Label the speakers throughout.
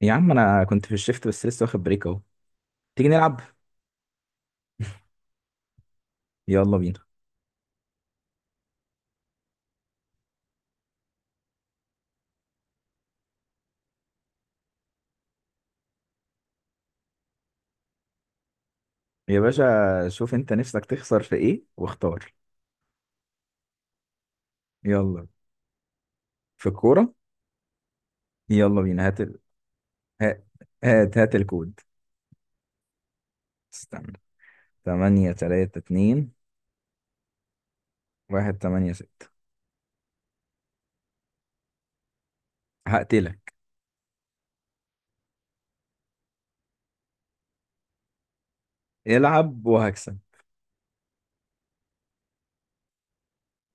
Speaker 1: يا عم، انا كنت في الشيفت بس لسه واخد بريك اهو. تيجي نلعب. يلا بينا. يا باشا، شوف انت نفسك تخسر في ايه واختار. يلا. في الكورة. يلا بينا، ها- هات الكود. استنى. تمانية تلاتة اتنين. واحد تمانية ستة. هقتلك. العب وهكسب.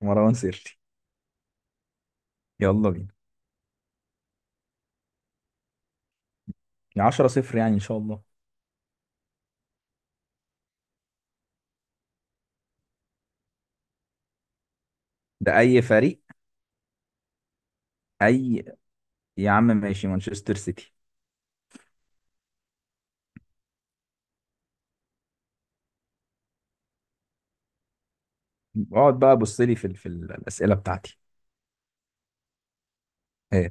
Speaker 1: مروان سيرتي. يلا بينا. يا عشرة صفر يعني ان شاء الله. ده اي فريق؟ اي. يا عم ماشي، مانشستر سيتي. اقعد بقى، بص لي في الاسئلة بتاعتي. ايه؟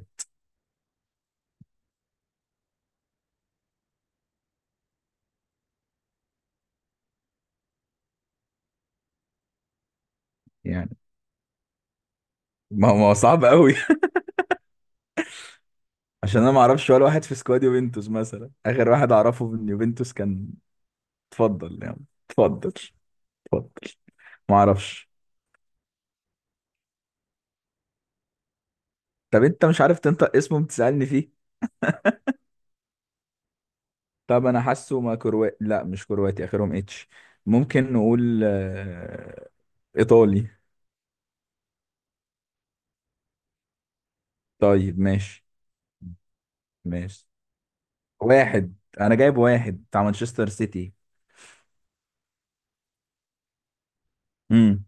Speaker 1: يعني ما هو صعب قوي. عشان انا ما اعرفش ولا واحد في سكواد يوفنتوس، مثلا اخر واحد اعرفه من يوفنتوس كان... اتفضل يعني. اتفضل. اتفضل. ما اعرفش. طب انت مش عارف تنطق اسمه بتسألني فيه؟ طب انا حاسه، ما كرواتي، لا مش كرواتي، اخرهم اتش. ممكن نقول ايطالي. طيب ماشي. ماشي. واحد. انا جايب واحد بتاع مانشستر سيتي. امم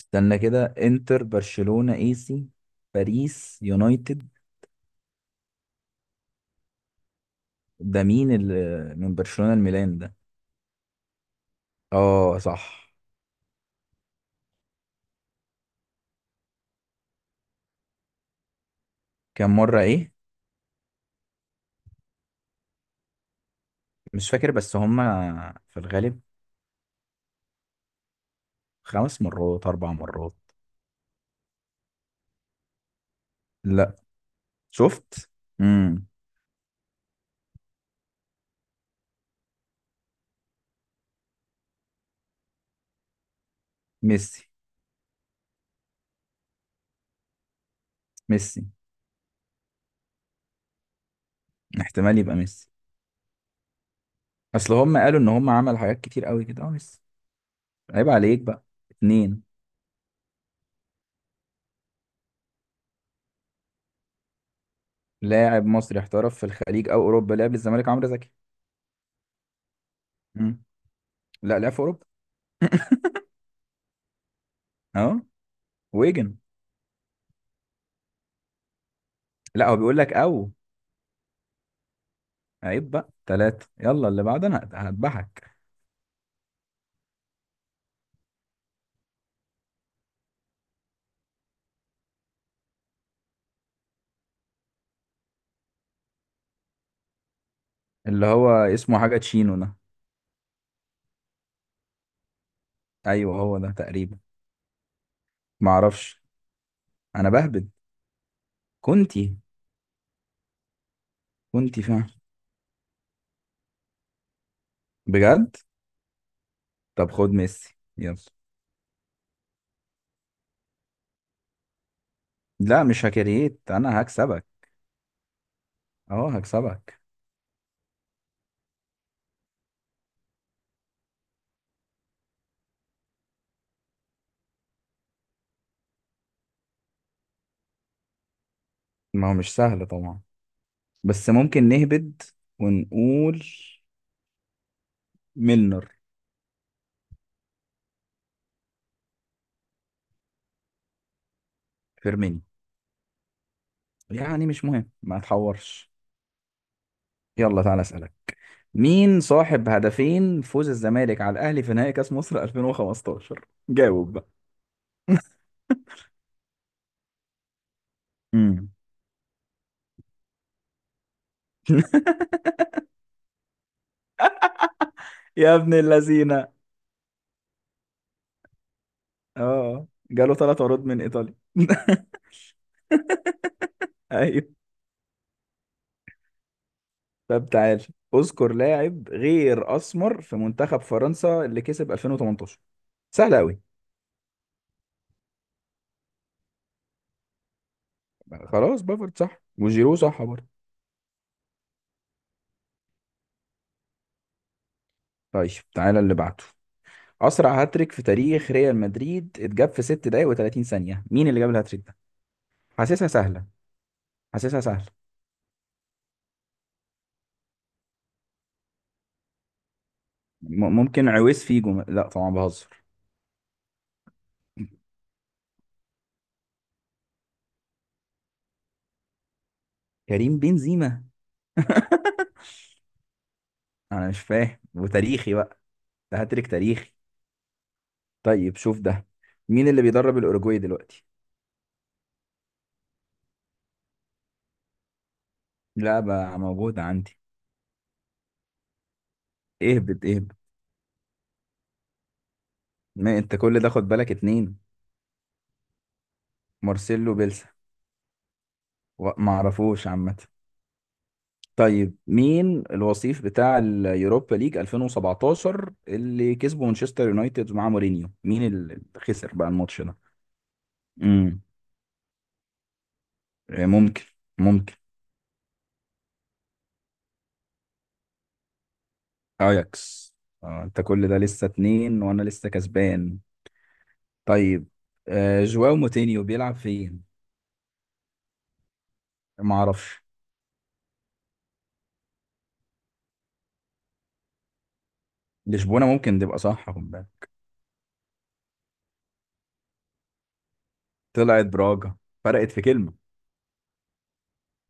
Speaker 1: استنى كده، انتر برشلونة، ايسي... باريس يونايتد. ده مين اللي من برشلونة الميلان ده؟ اه صح. كام مرة ايه؟ مش فاكر بس هما في الغالب... خمس مرات، اربع مرات. لا. شفت. امم ميسي. ميسي، احتمال يبقى ميسي. اصل هما قالوا ان هما عمل حاجات كتير قوي كده، اه ميسي. عيب عليك بقى. اتنين. لاعب مصري احترف في الخليج او اوروبا، لعب للزمالك، عمرو زكي. امم لا، لعب في اوروبا. اه. ويجن. لا هو بيقول لك او... عيب بقى، تلاتة. يلا اللي بعد انا هذبحك. اللي هو اسمه حاجة تشينو ده؟ ايوه هو ده تقريبا. معرفش. انا بهبد. كنتي. كنتي فعلا. بجد؟ طب خد ميسي يلا. لا مش هكريت، انا هكسبك. اهو هكسبك. ما هو مش سهل طبعا. بس ممكن نهبد ونقول... ميلنر. فيرميني. يعني مش مهم، ما تحورش. يلا تعالى اسالك. مين صاحب هدفين فوز الزمالك على الاهلي في نهائي كاس مصر 2015؟ جاوب بقى. امم يا ابن اللذينه. اه جاله ثلاث عروض من ايطاليا. ايوه. طب تعال. اذكر لاعب غير اسمر في منتخب فرنسا اللي كسب 2018. سهل قوي. خلاص، بافارد صح وجيرو صح برضه. طيب تعالى اللي بعده. اسرع هاتريك في تاريخ ريال مدريد اتجاب في 6 دقايق و30 ثانيه، مين اللي جاب الهاتريك ده؟ حاسسها سهله. حاسسها سهله. ممكن عويس فيجو، لا طبعا بهزر. كريم بنزيما. انا مش فاهم، وتاريخي بقى. ده هاتريك تاريخي. طيب شوف ده. مين اللي بيدرب الاوروجواي دلوقتي؟ لعبة موجودة عندي. اهبط اهبط. ما انت كل ده خد بالك، اتنين. مارسيلو بيلسا. ما اعرفوش عامة. طيب مين الوصيف بتاع اليوروبا ليج 2017، اللي كسبه مانشستر يونايتد مع مورينيو، مين اللي خسر بقى الماتش ده؟ امم ممكن. ممكن. اياكس. انت كل ده لسه اتنين وانا لسه كسبان. طيب. جواو موتينيو بيلعب فين؟ ما اعرفش. لشبونة ممكن تبقى صح، خد بالك. طلعت براجا. فرقت في كلمة.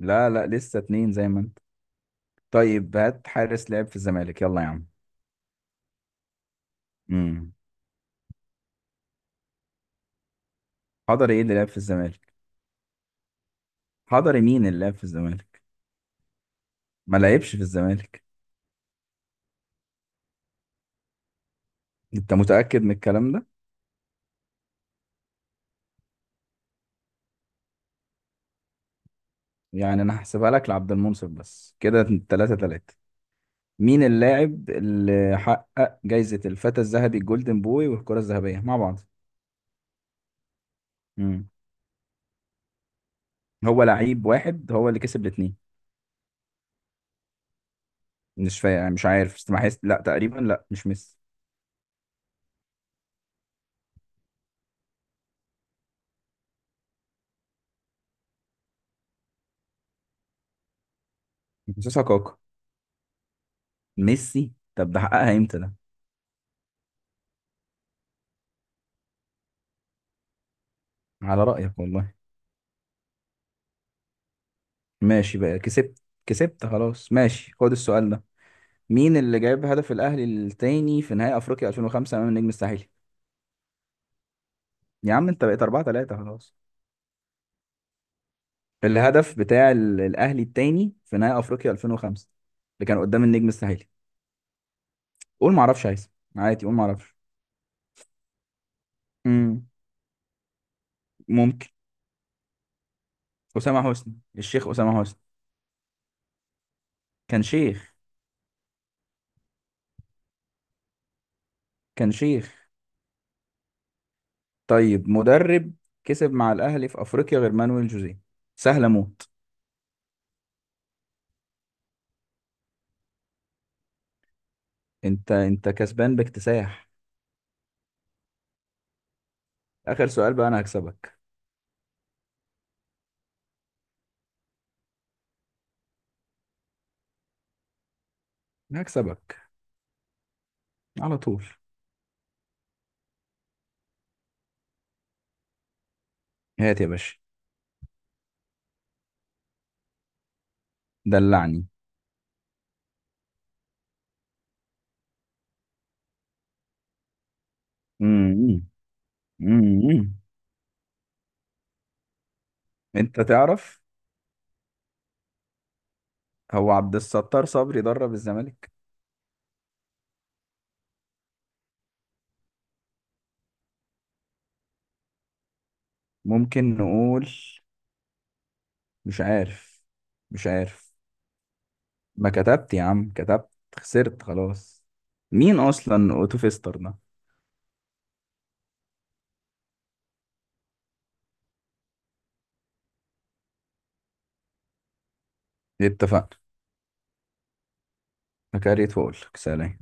Speaker 1: لا لا، لسه اتنين زي ما انت. طيب هات حارس لعب في الزمالك يلا يا عم. امم حضري ايه اللي لعب في الزمالك؟ حضري مين اللي لعب في الزمالك؟ ما لعبش في الزمالك. انت متأكد من الكلام ده؟ يعني انا هحسبها لك لعبد المنصف بس كده 3-3. مين اللاعب اللي حقق جايزة الفتى الذهبي الجولدن بوي والكرة الذهبية مع بعض؟ امم هو لعيب واحد هو اللي كسب الاثنين. مش فا... يعني مش عارف بس ما حس... لا تقريبا، لا مش ميسي. مش حاسسها كاكا. ميسي؟ طب ده حققها امتى ده؟ على رأيك والله. ماشي بقى، كسبت كسبت خلاص، ماشي خد السؤال ده. مين اللي جايب هدف الاهلي التاني في نهائي افريقيا 2005 امام النجم الساحلي؟ يا عم انت بقيت 4-3 خلاص. الهدف بتاع الاهلي التاني في نهائي افريقيا 2005، اللي كان قدام النجم الساحلي. قول ما اعرفش، عايز. عادي قول ما اعرفش. امم ممكن. اسامه حسني، الشيخ اسامه حسني. كان شيخ. كان شيخ. طيب مدرب كسب مع الاهلي في افريقيا غير مانويل جوزيه. سهله موت. انت كسبان باكتساح. اخر سؤال بقى، انا هكسبك. هكسبك على طول. هات يا باشا. دلعني. مم. مم. انت تعرف. هو عبد الستار صبري درب الزمالك؟ ممكن نقول... مش عارف. مش عارف. ما كتبت يا عم، كتبت. خسرت خلاص. مين اصلا اوتوفيستر ده؟ اتفقنا. فكريت واقول لك سلام.